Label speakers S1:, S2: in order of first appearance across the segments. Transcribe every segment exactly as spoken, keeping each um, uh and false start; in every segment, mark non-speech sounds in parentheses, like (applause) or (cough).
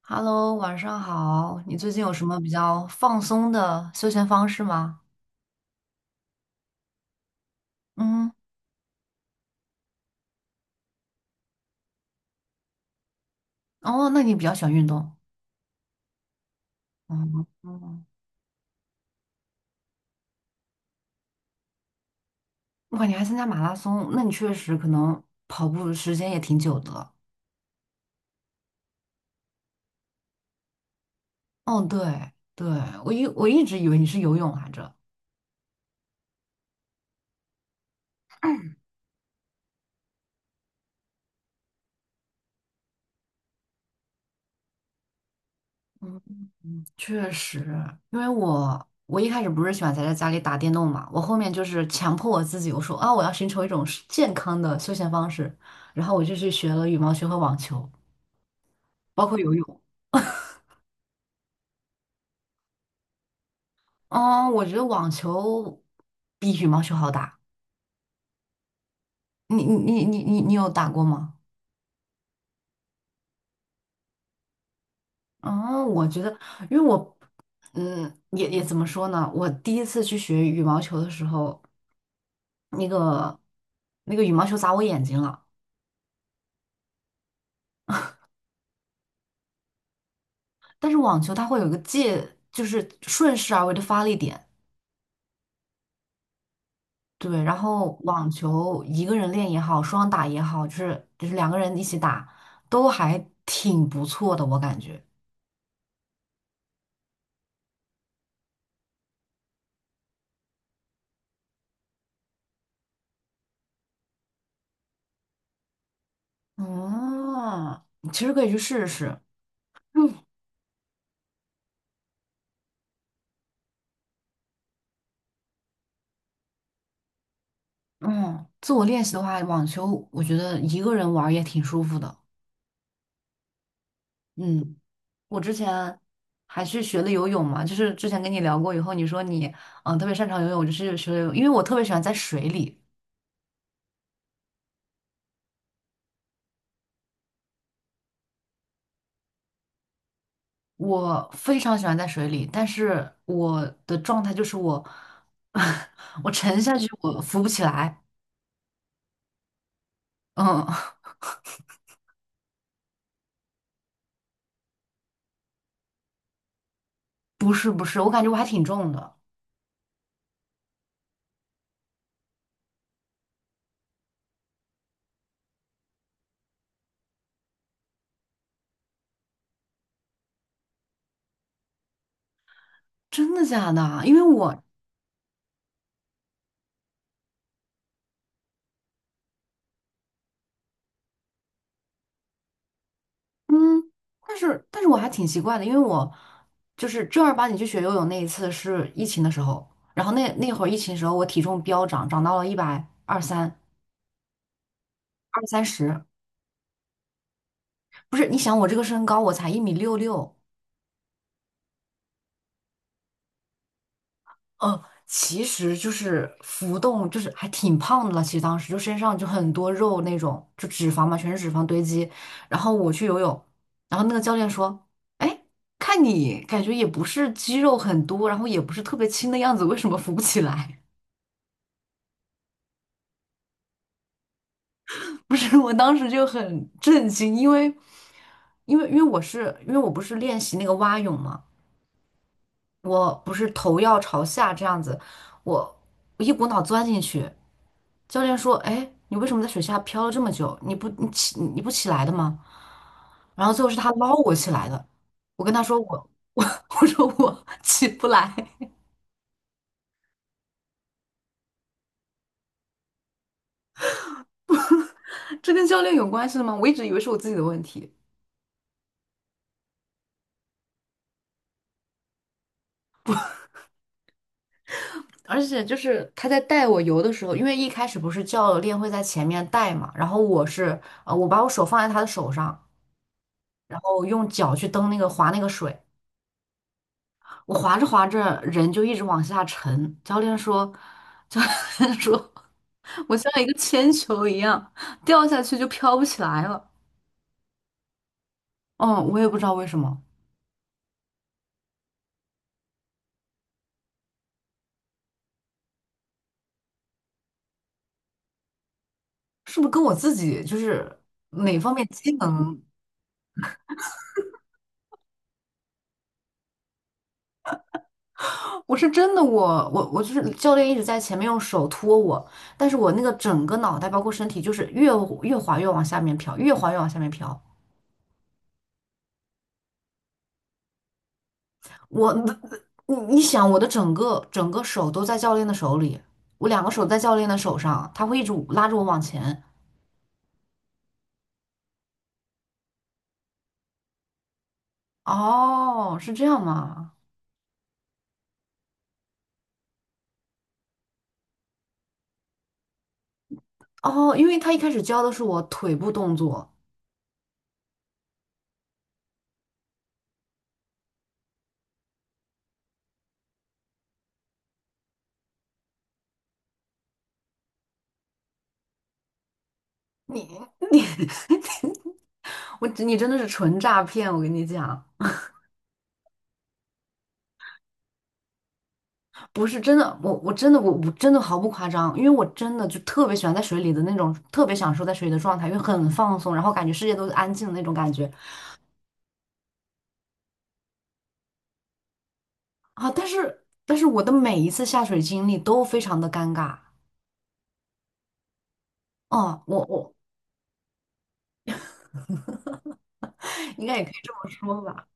S1: Hello，晚上好。你最近有什么比较放松的休闲方式吗？嗯，哦，那你比较喜欢运动。嗯嗯，我感觉还参加马拉松，那你确实可能跑步时间也挺久的了。哦，对对，我一我一直以为你是游泳来着。嗯，确实，因为我我一开始不是喜欢宅在家里打电动嘛，我后面就是强迫我自己，我说啊，我要寻求一种是健康的休闲方式，然后我就去学了羽毛球和网球，包括游泳。嗯，我觉得网球比羽毛球好打。你你你你你你有打过吗？哦，我觉得，因为我，嗯，也也怎么说呢？我第一次去学羽毛球的时候，那个那个羽毛球砸我眼睛了，但是网球它会有一个界，就是顺势而为的发力点。对，然后网球一个人练也好，双打也好，就是就是两个人一起打，都还挺不错的，我感觉。嗯，其实可以去试试。嗯，嗯，自我练习的话，网球我觉得一个人玩儿也挺舒服的。嗯，我之前还去学了游泳嘛，就是之前跟你聊过，以后你说你嗯、呃特别擅长游泳，我就是学了游泳，因为我特别喜欢在水里，我非常喜欢在水里，但是我的状态就是我 (laughs) 我沉下去，我浮不起来。嗯，(laughs) 不是不是，我感觉我还挺重的，真的假的？因为我嗯，但是但是我还挺奇怪的，因为我就是正儿八经去学游泳那一次是疫情的时候，然后那那会儿疫情的时候我体重飙涨，涨到了一百二三二三十，二三十不是，你想我这个身高我才一米六六，呃，其实就是浮动，就是还挺胖的了。其实当时就身上就很多肉那种，就脂肪嘛，全是脂肪堆积。然后我去游泳，然后那个教练说："哎，看你感觉也不是肌肉很多，然后也不是特别轻的样子，为什么浮不起来？" (laughs) 不是，我当时就很震惊，因为因为因为我是因为我不是练习那个蛙泳嘛，我不是头要朝下这样子，我我一股脑钻进去。教练说："哎，你为什么在水下漂了这么久？你不你起你不起来的吗？"然后最后是他捞我起来的。我跟他说我我 (laughs) 我说我起不来，这跟教练有关系吗？我一直以为是我自己的问题。而且就是他在带我游的时候，因为一开始不是教练会在前面带嘛，然后我是呃我把我手放在他的手上，然后用脚去蹬那个划那个水，我滑着滑着人就一直往下沉，教练说，(laughs) 教练说，我像一个铅球一样掉下去就飘不起来了。嗯，我也不知道为什么，是不是跟我自己就是哪方面机能？(laughs) 我是真的我，我我就是教练一直在前面用手托我，但是我那个整个脑袋包括身体就是越越滑越往下面飘，越滑越往下面飘，我，你你想，我的整个整个手都在教练的手里，我两个手在教练的手上，他会一直拉着我往前。哦，是这样吗？哦，因为他一开始教的是我腿部动作，你你 (laughs) 我你真的是纯诈骗，我跟你讲，不是真的，我我真的我我真的毫不夸张，因为我真的就特别喜欢在水里的那种，特别享受在水里的状态，因为很放松，然后感觉世界都是安静的那种感觉啊。但是但是我的每一次下水经历都非常的尴尬。哦，我我应该也可以这么说吧。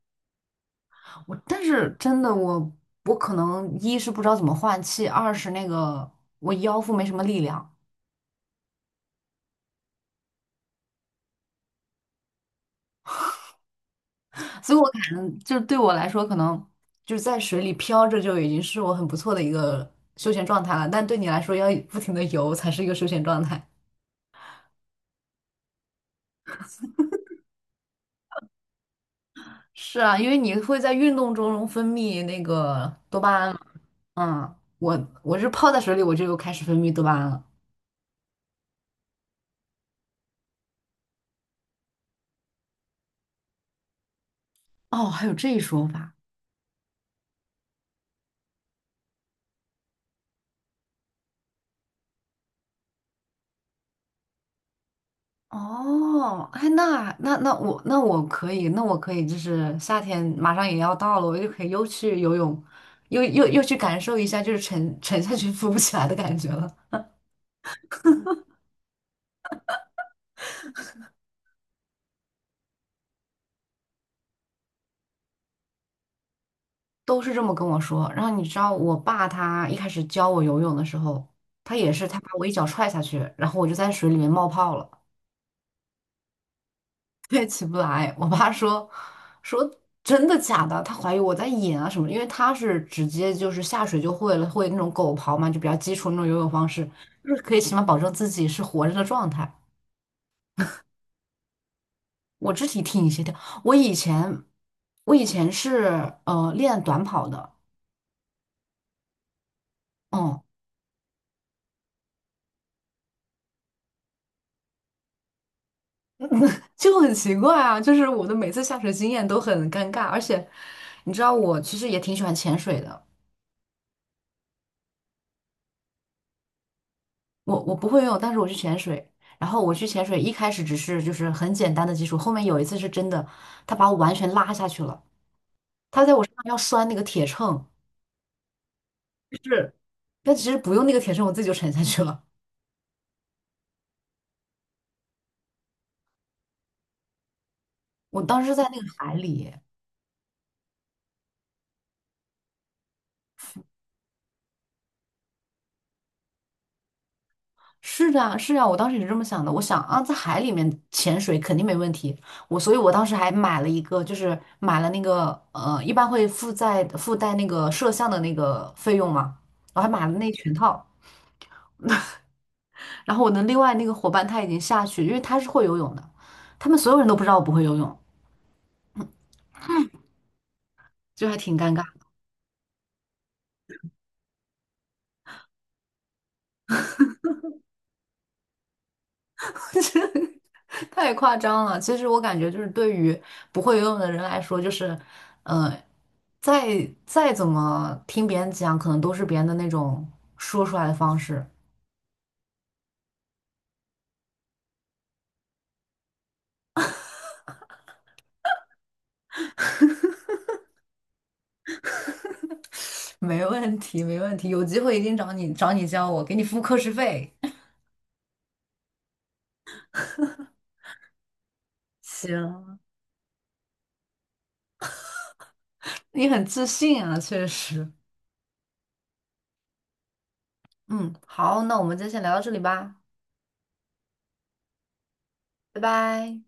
S1: 我但是真的我我可能一是不知道怎么换气，二是那个我腰腹没什么力量，所以我可能就是对我来说，可能就是在水里漂着就已经是我很不错的一个休闲状态了。但对你来说，要不停的游才是一个休闲状态。是啊，因为你会在运动中分泌那个多巴胺嘛。嗯，我我是泡在水里，我就开始分泌多巴胺了。哦，还有这一说法。哦，哎，那那那我那我可以，那我可以，就是夏天马上也要到了，我就可以又去游泳，又又又去感受一下，就是沉沉下去浮不起来的感觉了。都是这么跟我说。然后你知道，我爸他一开始教我游泳的时候，他也是他把我一脚踹下去，然后我就在水里面冒泡了。对，起不来。我爸说说真的假的，他怀疑我在演啊什么的因为他是直接就是下水就会了，会那种狗刨嘛，就比较基础那种游泳方式，就是可以起码保证自己是活着的状态。我肢体挺协调，我以前我以前是呃练短跑的，嗯，就很奇怪啊，就是我的每次下水经验都很尴尬，而且你知道我其实也挺喜欢潜水的。我我不会游泳，但是我去潜水。然后我去潜水，一开始只是就是很简单的基础，后面有一次是真的，他把我完全拉下去了，他在我身上要拴那个铁秤，是，但其实不用那个铁秤，我自己就沉下去了。我当时在那个海里，是的啊，是啊，我当时也是这么想的，我想啊，在海里面潜水肯定没问题，我所以我当时还买了一个，就是买了那个呃，一般会附在附带那个摄像的那个费用嘛，我还买了那一全套。然后我的另外那个伙伴他已经下去，因为他是会游泳的，他们所有人都不知道我不会游泳，就还挺尴尬，(laughs) 太夸张了。其实我感觉就是对于不会游泳的人来说，就是呃，再再怎么听别人讲，可能都是别人的那种说出来的方式。(laughs) 没问题，没问题，有机会一定找你找你教我，给你付课时费。(laughs) 行，你很自信啊，确实。嗯，好，那我们就先聊到这里吧，拜拜。